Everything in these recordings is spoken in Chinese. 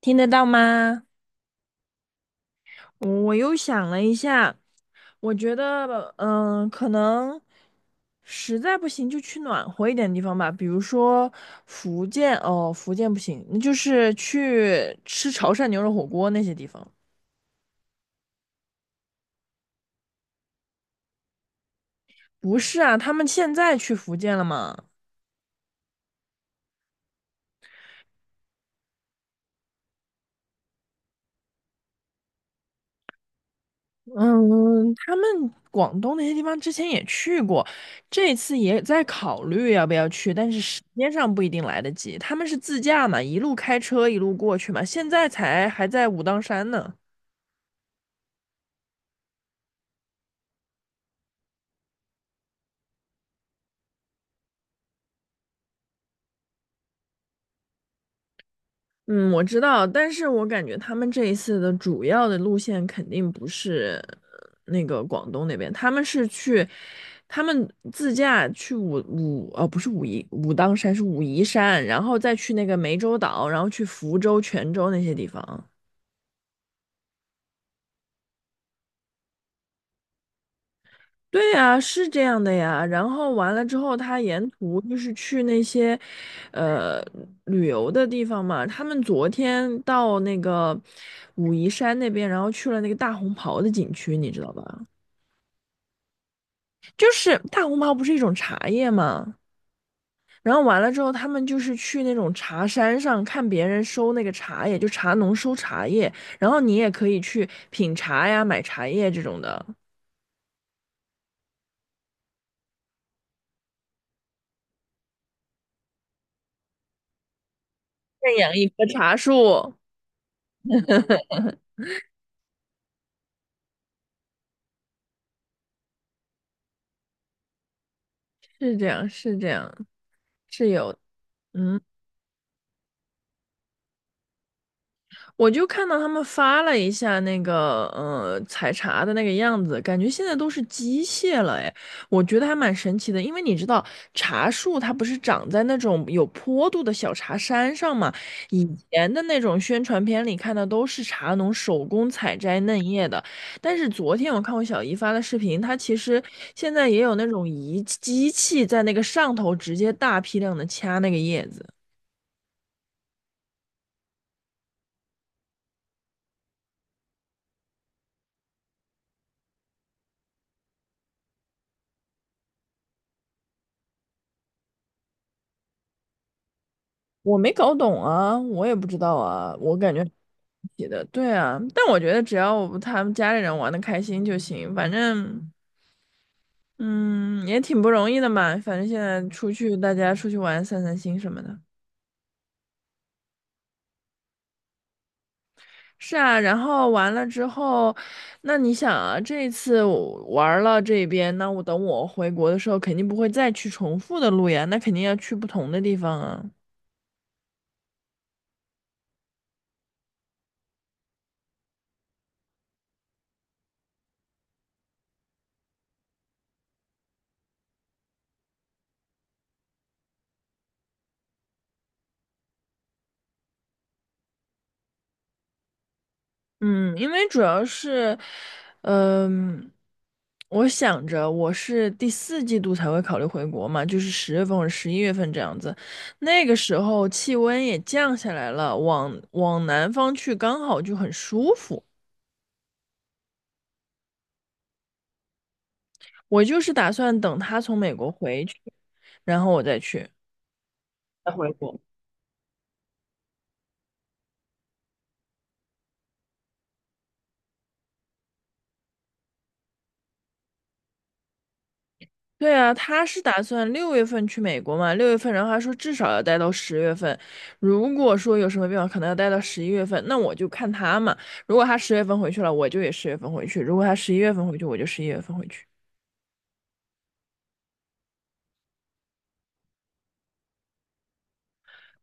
听得到吗？我又想了一下，我觉得，可能实在不行就去暖和一点的地方吧，比如说福建，哦，福建不行，那就是去吃潮汕牛肉火锅那些地方。不是啊，他们现在去福建了吗？嗯，他们广东那些地方之前也去过，这次也在考虑要不要去，但是时间上不一定来得及。他们是自驾嘛，一路开车一路过去嘛，现在才还在武当山呢。嗯，我知道，但是我感觉他们这一次的主要的路线肯定不是那个广东那边，他们是去，他们自驾去哦，不是武当山是武夷山，然后再去那个湄洲岛，然后去福州、泉州那些地方。对呀，是这样的呀。然后完了之后，他沿途就是去那些，呃，旅游的地方嘛。他们昨天到那个武夷山那边，然后去了那个大红袍的景区，你知道吧？就是大红袍不是一种茶叶嘛。然后完了之后，他们就是去那种茶山上看别人收那个茶叶，就茶农收茶叶，然后你也可以去品茶呀、买茶叶这种的，认养一棵茶树。是这样，是这样，是有。嗯，我就看到他们发了一下那个，采茶的那个样子，感觉现在都是机械了，哎，我觉得还蛮神奇的，因为你知道茶树它不是长在那种有坡度的小茶山上嘛，以前的那种宣传片里看的都是茶农手工采摘嫩叶的，但是昨天我看我小姨发的视频，它其实现在也有那种机器在那个上头直接大批量的掐那个叶子。我没搞懂啊，我也不知道啊，我感觉写的对啊，但我觉得只要他们家里人玩的开心就行，反正嗯也挺不容易的嘛，反正现在出去大家出去玩散散心什么的。是啊，然后完了之后，那你想啊，这一次我玩了这边，那我等我回国的时候肯定不会再去重复的路呀，那肯定要去不同的地方啊。嗯，因为主要是，嗯、我想着我是第4季度才会考虑回国嘛，就是十月份或者十一月份这样子，那个时候气温也降下来了，往南方去刚好就很舒服。我就是打算等他从美国回去，然后我再去，再回国。对啊，他是打算六月份去美国嘛？六月份，然后他说至少要待到十月份。如果说有什么变化，可能要待到十一月份，那我就看他嘛。如果他十月份回去了，我就也十月份回去；如果他十一月份回去，我就十一月份回去。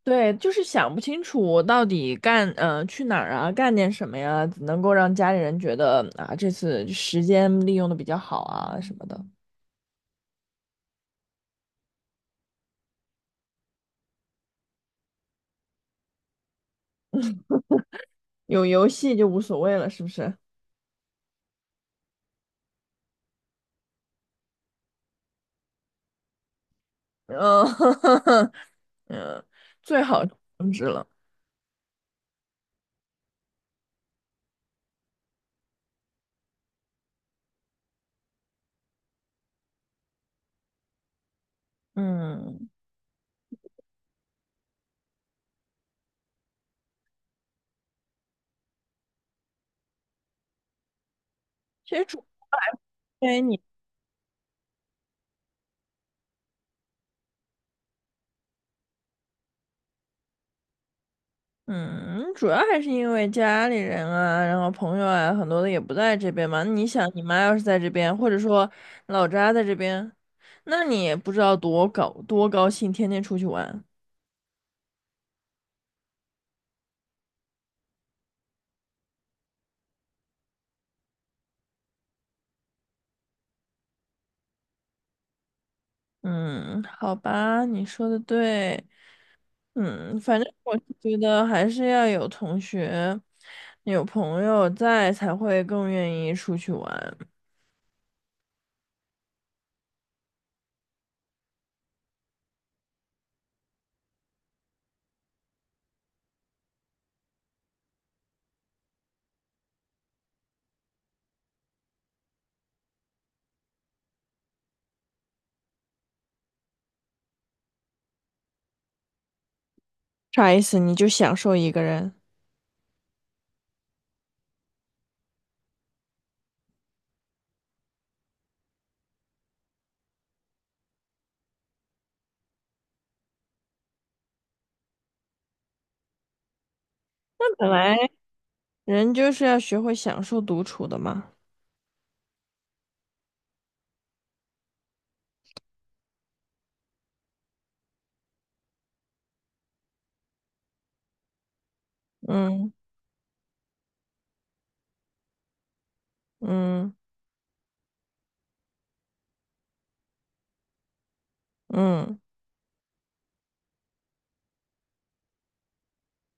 对，就是想不清楚我到底干，去哪儿啊，干点什么呀，能够让家里人觉得啊，这次时间利用的比较好啊什么的。有游戏就无所谓了，是不是？嗯，嗯，最好终止了。嗯，其实对你，嗯，主要还是因为家里人啊，然后朋友啊，很多的也不在这边嘛。你想，你妈要是在这边，或者说老家在这边，那你也不知道多高兴，天天出去玩。嗯，好吧，你说的对。嗯，反正我是觉得还是要有同学、有朋友在，才会更愿意出去玩。啥意思？你就享受一个人？那本来人就是要学会享受独处的嘛。嗯嗯嗯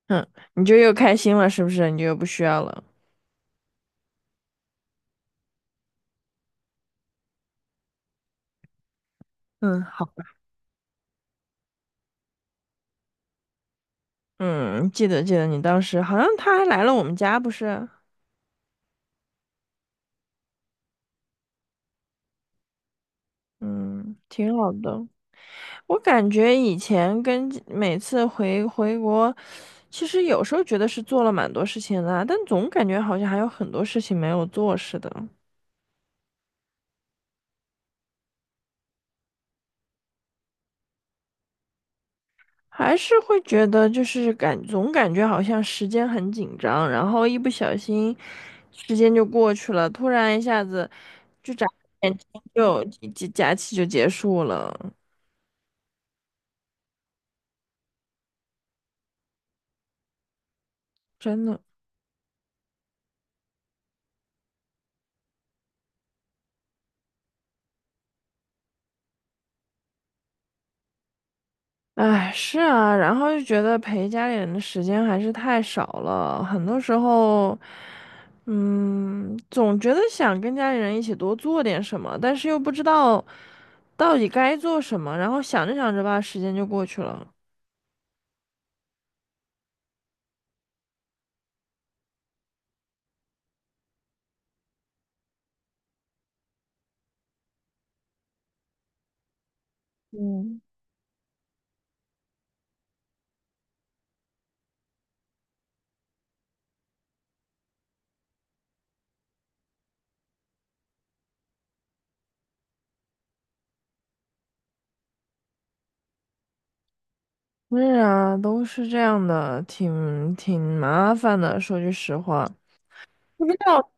嗯，你就又开心了，是不是？你就又不需要了。嗯，好，嗯，记得记得，你当时好像他还来了我们家，不是？嗯，挺好的。我感觉以前跟每次回国，其实有时候觉得是做了蛮多事情的啊但总感觉好像还有很多事情没有做似的。还是会觉得就是总感觉好像时间很紧张，然后一不小心时间就过去了，突然一下子就眨眼睛就假期就结束了，真的。哎，是啊，然后就觉得陪家里人的时间还是太少了，很多时候，总觉得想跟家里人一起多做点什么，但是又不知道到底该做什么，然后想着想着吧，时间就过去了。是啊，都是这样的，挺麻烦的。说句实话，不知道，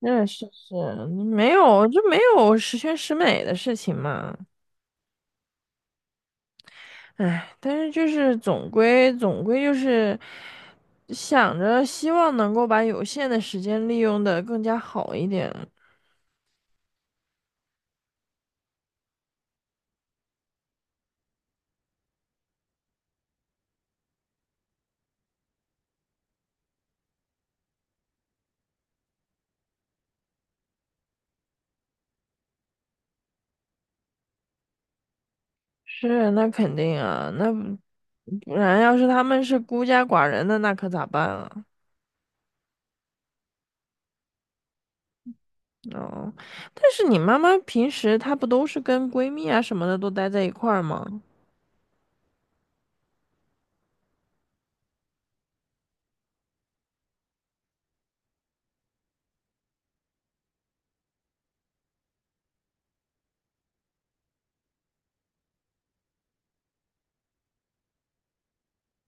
嗯，是是，没有，就没有十全十美的事情嘛。唉，但是就是总归就是想着希望能够把有限的时间利用的更加好一点。是，那肯定啊，那不然要是他们是孤家寡人的，那可咋办啊？哦，但是你妈妈平时她不都是跟闺蜜啊什么的都待在一块儿吗？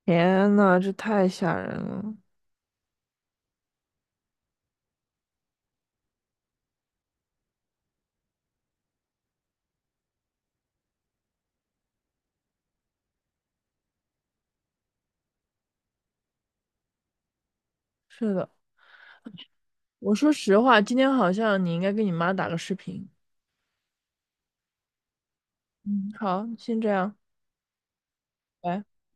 天呐，这太吓人了。是的，我说实话，今天好像你应该跟你妈打个视频。嗯，好，先这样，拜。